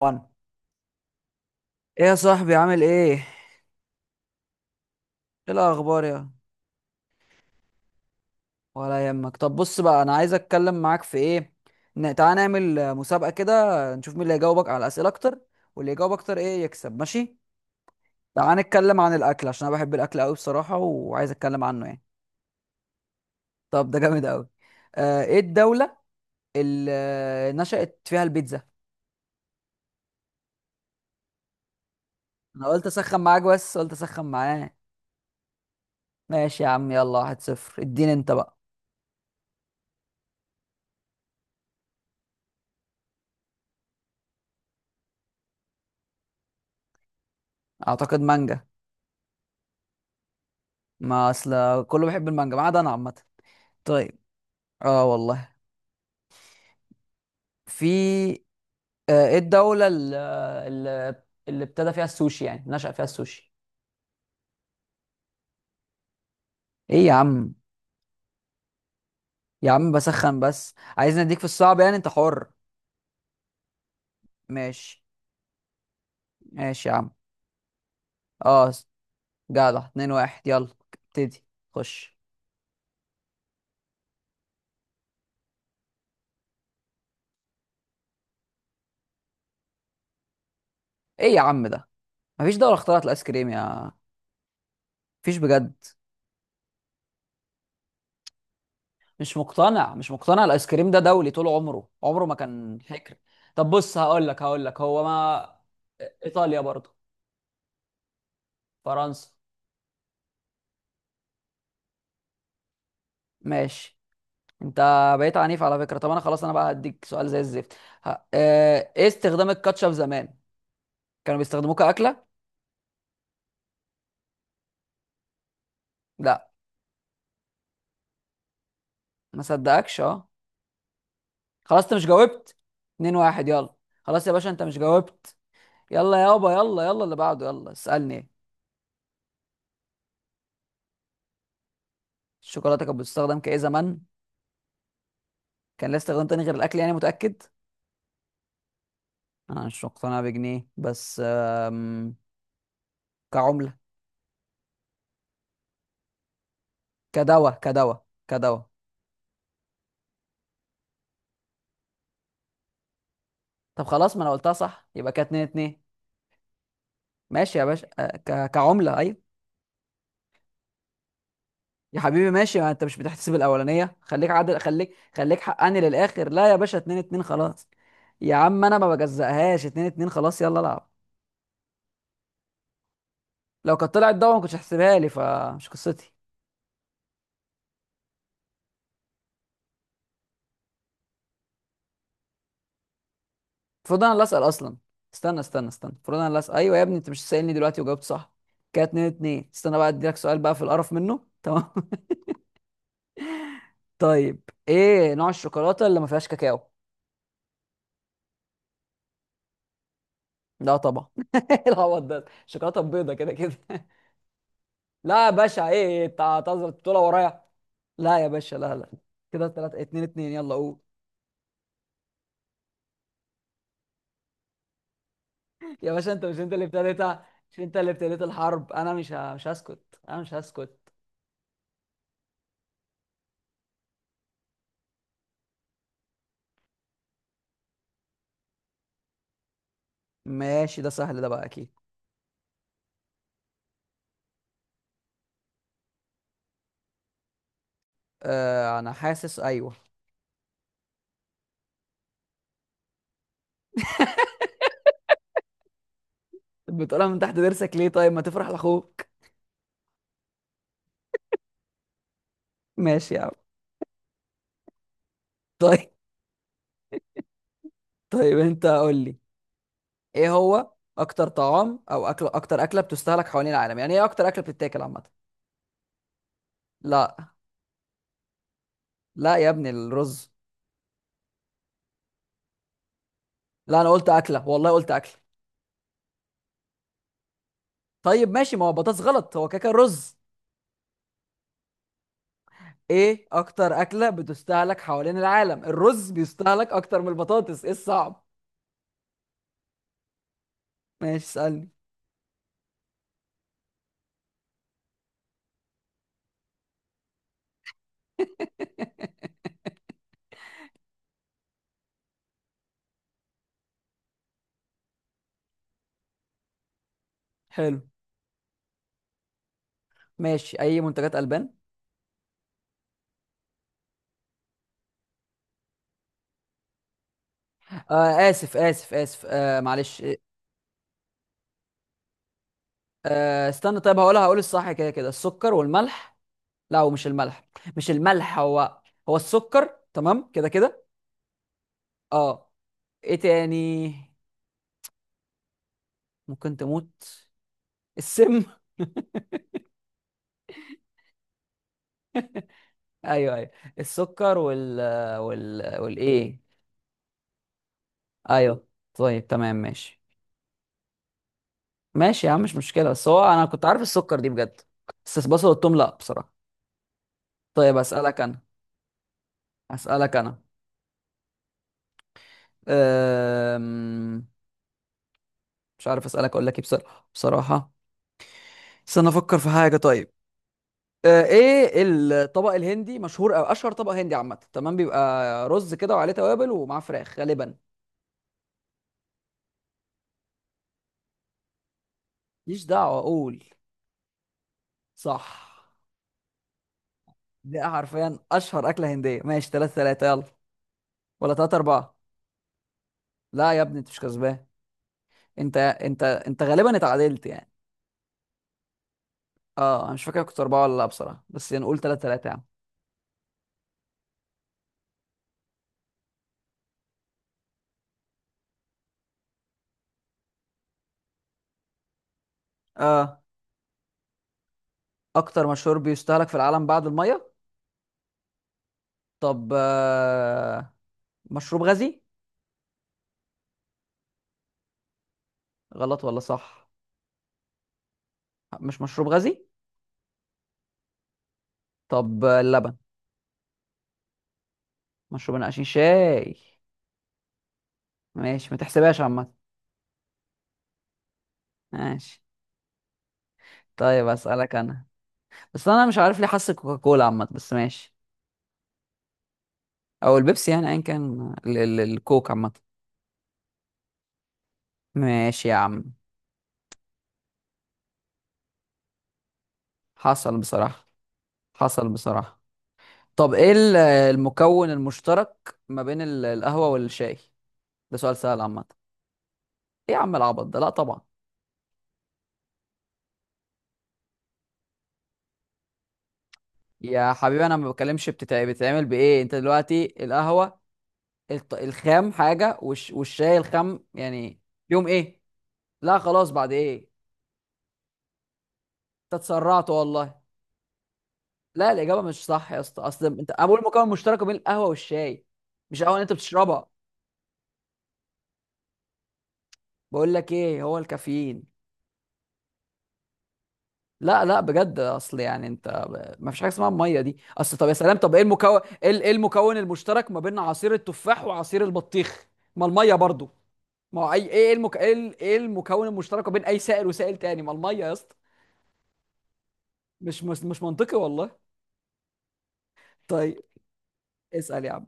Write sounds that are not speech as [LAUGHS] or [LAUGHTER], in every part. وانا ايه يا صاحبي؟ عامل ايه؟ الاخبار يا ولا يهمك. طب بص بقى، انا عايز اتكلم معاك في ايه. تعالى نعمل مسابقه كده، نشوف مين اللي هيجاوبك على اسئله اكتر، واللي يجاوب اكتر ايه يكسب، ماشي؟ تعالى نتكلم عن الاكل، عشان انا بحب الاكل قوي بصراحه، وعايز اتكلم عنه يعني. طب ده جامد قوي. آه، ايه الدوله اللي نشأت فيها البيتزا؟ انا قلت اسخن معاك، بس قلت اسخن معاك. ماشي يا عم، يلا، واحد صفر. اديني انت بقى. اعتقد مانجا. ما اصل كله بيحب المانجا ما عدا انا عامه. طيب. اه والله. في، ايه الدولة اللي اللي ابتدى فيها السوشي، يعني نشأ فيها السوشي؟ ايه يا عم. يا عم بسخن بس، عايز نديك في الصعب، يعني انت حر. ماشي، ماشي يا عم. اه. جدع، اتنين واحد، يلا ابتدي. خش. ايه يا عم ده، مفيش دولة اخترعت الايس كريم يا. مفيش بجد؟ مش مقتنع مش مقتنع، الايس كريم ده دولي طول عمره، عمره ما كان فكرة. طب بص هقول لك هقول لك، هو ما. ايطاليا برضه. فرنسا. ماشي. انت بقيت عنيف على فكره. طب انا خلاص، انا بقى هديك سؤال زي الزفت. ه- ايه استخدام الكاتشب زمان؟ كانوا بيستخدموه كاكله. لا. ما صدقكش اه. خلاص انت مش جاوبت، اتنين واحد، يلا. خلاص يا باشا، انت مش جاوبت. يلا يابا، يلا يلا اللي بعده، يلا اسالني ايه. الشوكولاته كانت بتستخدم كايه زمان؟ كان لها استخدام تاني غير الاكل، يعني متاكد؟ انا مش مقتنع بجنيه، بس كعمله. كدواء. طب خلاص ما انا قلتها صح، يبقى كانت اتنين اتنين. ماشي يا باشا، كعمله، ايوه. يا حبيبي ماشي، ما انت مش بتحتسب الاولانيه، خليك عادل، خليك حقاني للاخر. لا يا باشا، 2-2 خلاص. يا عم انا ما بجزقهاش، 2-2 خلاص، يلا العب. لو كانت طلعت ضوء ما كنتش هحسبها لي، فمش قصتي. المفروض انا اللي اسال اصلا. استنى. المفروض انا اللي اسال، ايوه يا ابني، انت مش سائلني دلوقتي وجاوبت صح. كانت 2-2. استنى بقى اديلك سؤال بقى في القرف منه، تمام؟ [LAUGHS] طيب. ايه نوع الشوكولاته اللي ما فيهاش كاكاو؟ لا طبعا. [LAUGHS] إيه العبط ده، الشوكولاته بيضه كده كده. لا يا باشا، ايه إيه، انت هتهزر البطوله ورايا؟ لا يا باشا، لا لا. كده ثلاثة اتنين اتنين، يلا قول. يا باشا انت، مش انت اللي ابتديتها؟ مش انت اللي ابتديت الحرب؟ انا مش مش هسكت، انا مش هسكت. ماشي. ده سهل ده بقى، اكيد. آه، انا حاسس ايوه. بتقولها من تحت ضرسك ليه؟ طيب، ما تفرح لاخوك. ماشي يا عم. [LAUGHS] طيب. طيب انت قول لي. ايه هو اكتر طعام او اكل، اكتر اكله بتستهلك حوالين العالم، يعني ايه اكتر اكله بتتاكل عامه؟ لا. لا يا ابني، الرز. لا انا قلت اكله، والله قلت اكله. طيب ماشي، ما هو بطاطس غلط، هو كاكا رز. ايه اكتر اكله بتستهلك حوالين العالم؟ الرز بيستهلك اكتر من البطاطس، ايه الصعب؟ ماشي اسالني. حلو. ماشي، اي منتجات البان. اسف، معلش. آه، استنى. طيب هقولها، هقول الصح، كده كده. السكر والملح. لا هو مش الملح، مش الملح هو، هو السكر، تمام كده كده. اه. ايه تاني ممكن تموت؟ السم. [LAUGHS] ايوه ايوه. السكر والايه؟ ايوه. طيب تمام. ماشي، ماشي يا عم، مش مشكله، بس هو انا كنت عارف السكر دي بجد. بس بصل والثوم لا بصراحه. طيب اسالك انا، اسالك انا. أم... مش عارف اسالك اقول لك ايه بصراحه بصراحه. استنى افكر في حاجه، طيب. ايه الطبق الهندي مشهور، او اشهر طبق هندي عامه، تمام؟ بيبقى رز كده وعليه توابل ومعاه فراخ غالبا. ماليش دعوه، اقول. صح. ده حرفيا اشهر اكله هنديه، ماشي 3-3 يلا. ولا 3-4؟ لا يا ابني انت مش كسبان. انت غالبا اتعادلت يعني. اه انا مش فاكر كنت اربعة ولا لا بصراحة، بس يعني نقول تلاتة تلاتة يا عم. اه. اكتر مشروب بيستهلك في العالم بعد المية؟ طب، مشروب غازي. غلط ولا صح؟ مش مشروب غازي. طب، اللبن. مشروب نقاشين؟ شاي. ماشي، ما تحسبهاش عامة. ماشي. طيب اسألك انا، بس انا مش عارف ليه حاسس كوكاكولا، عامة بس ماشي، او البيبسي، يعني ايا كان الكوك، عامة. ماشي يا عم. حصل بصراحة، حصل بصراحة. طب ايه المكون المشترك ما بين القهوة والشاي؟ ده سؤال سهل عامة. ايه يا عم العبط ده، لا طبعا. يا حبيبي انا ما بتكلمش بتتعب، بتتعمل بايه انت دلوقتي؟ القهوة الخام حاجة، والشاي الخام يعني. يوم ايه؟ لا خلاص، بعد ايه. انت اتسرعت والله. لا الاجابة مش صح يا اسطى، اصل انت، انا بقول مكون مشترك بين القهوة والشاي. مش قهوة اللي انت بتشربها؟ بقول لك ايه هو الكافيين. لا لا بجد، اصل يعني انت ما فيش حاجه اسمها الميه دي اصل. طب يا سلام، طب ايه المكون، ايه المكون المشترك ما بين عصير التفاح وعصير البطيخ؟ ما الميه برضو. ما هو اي ايه ايه المكون المشترك ما بين اي سائل وسائل تاني؟ ما الميه يا اسطى. مش منطقي والله. طيب. اسال يا عم.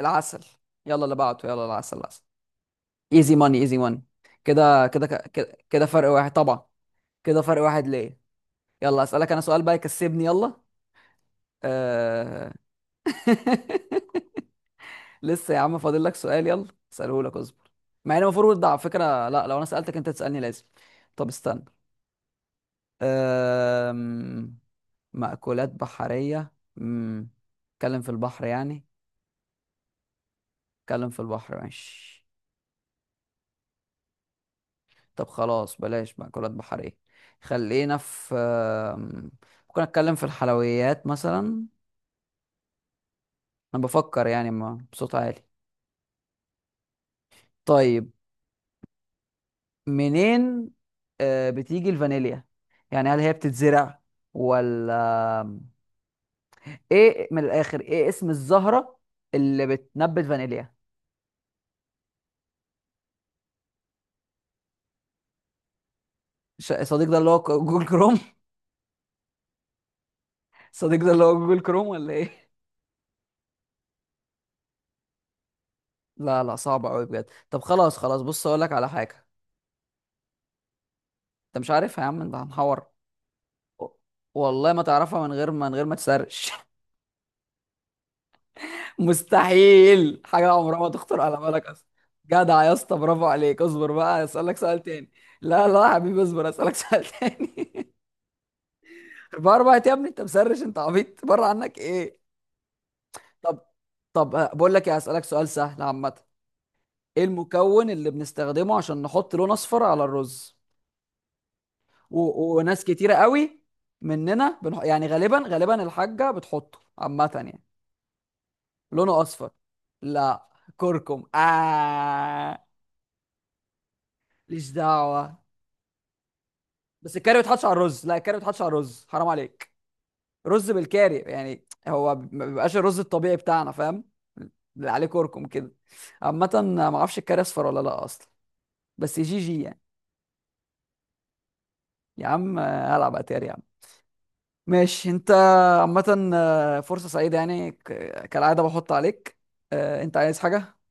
العسل. يلا اللي بعده يلا، العسل العسل. ايزي ماني، ايزي ماني. كده كده كده كده، فرق واحد طبعا. كده فرق واحد، ليه؟ يلا اسالك انا سؤال بقى يكسبني، يلا. أه... [LAUGHS] لسه يا عم فاضل لك سؤال، يلا. اساله لك، اصبر. مع ان المفروض ده على فكره، لا، لو انا سالتك انت تسالني لازم. طب استنى. أم... مأكولات بحريه. امم، اتكلم في البحر يعني، اتكلم في البحر ماشي. طب خلاص بلاش مأكولات بحريه، خلينا في ممكن اتكلم في الحلويات مثلا. انا بفكر يعني، ما بصوت عالي. طيب. منين بتيجي الفانيليا؟ يعني هل هي بتتزرع ولا، ايه من الاخر، ايه اسم الزهرة اللي بتنبت فانيليا؟ صديق ده اللي هو جوجل كروم؟ [LAUGHS] صديق ده اللي هو جوجل كروم ولا ايه؟ لا لا صعب قوي بجد. طب خلاص خلاص، بص اقول لك على حاجة. انت مش عارفها يا عم، انت هنحور. و- والله ما تعرفها من غير ما، تسرش. [LAUGHS] مستحيل، حاجة عمرها ما تخطر على بالك اصلا. جدع يا اسطى، برافو عليك، اصبر بقى اسالك سؤال تاني. لا لا يا حبيبي، اصبر اسالك سؤال تاني. [LAUGHS] بره بقى يا ابني، انت مسرش، انت عبيط، بره عنك ايه. طب، بقول لك ايه، اسالك سؤال سهل عامه. ايه المكون اللي بنستخدمه عشان نحط لون اصفر على الرز؟ وناس كتيره قوي مننا يعني غالبا غالبا الحاجه بتحطه عامه يعني، لونه اصفر. لا، كركم آه. ليش دعوه. بس الكاري ما بيتحطش على الرز، لا الكاري ما بيتحطش على الرز، حرام عليك. رز بالكاري يعني هو ما بيبقاش الرز الطبيعي بتاعنا، فاهم؟ اللي عليه كركم كده. عامه، ما اعرفش الكاري اصفر ولا لا اصلا، بس جي جي يعني. يا عم هلعب اتاري يا عم. ماشي انت. عامة، فرصة سعيدة يعني، كالعادة بحط عليك. آه، انت عايز حاجة؟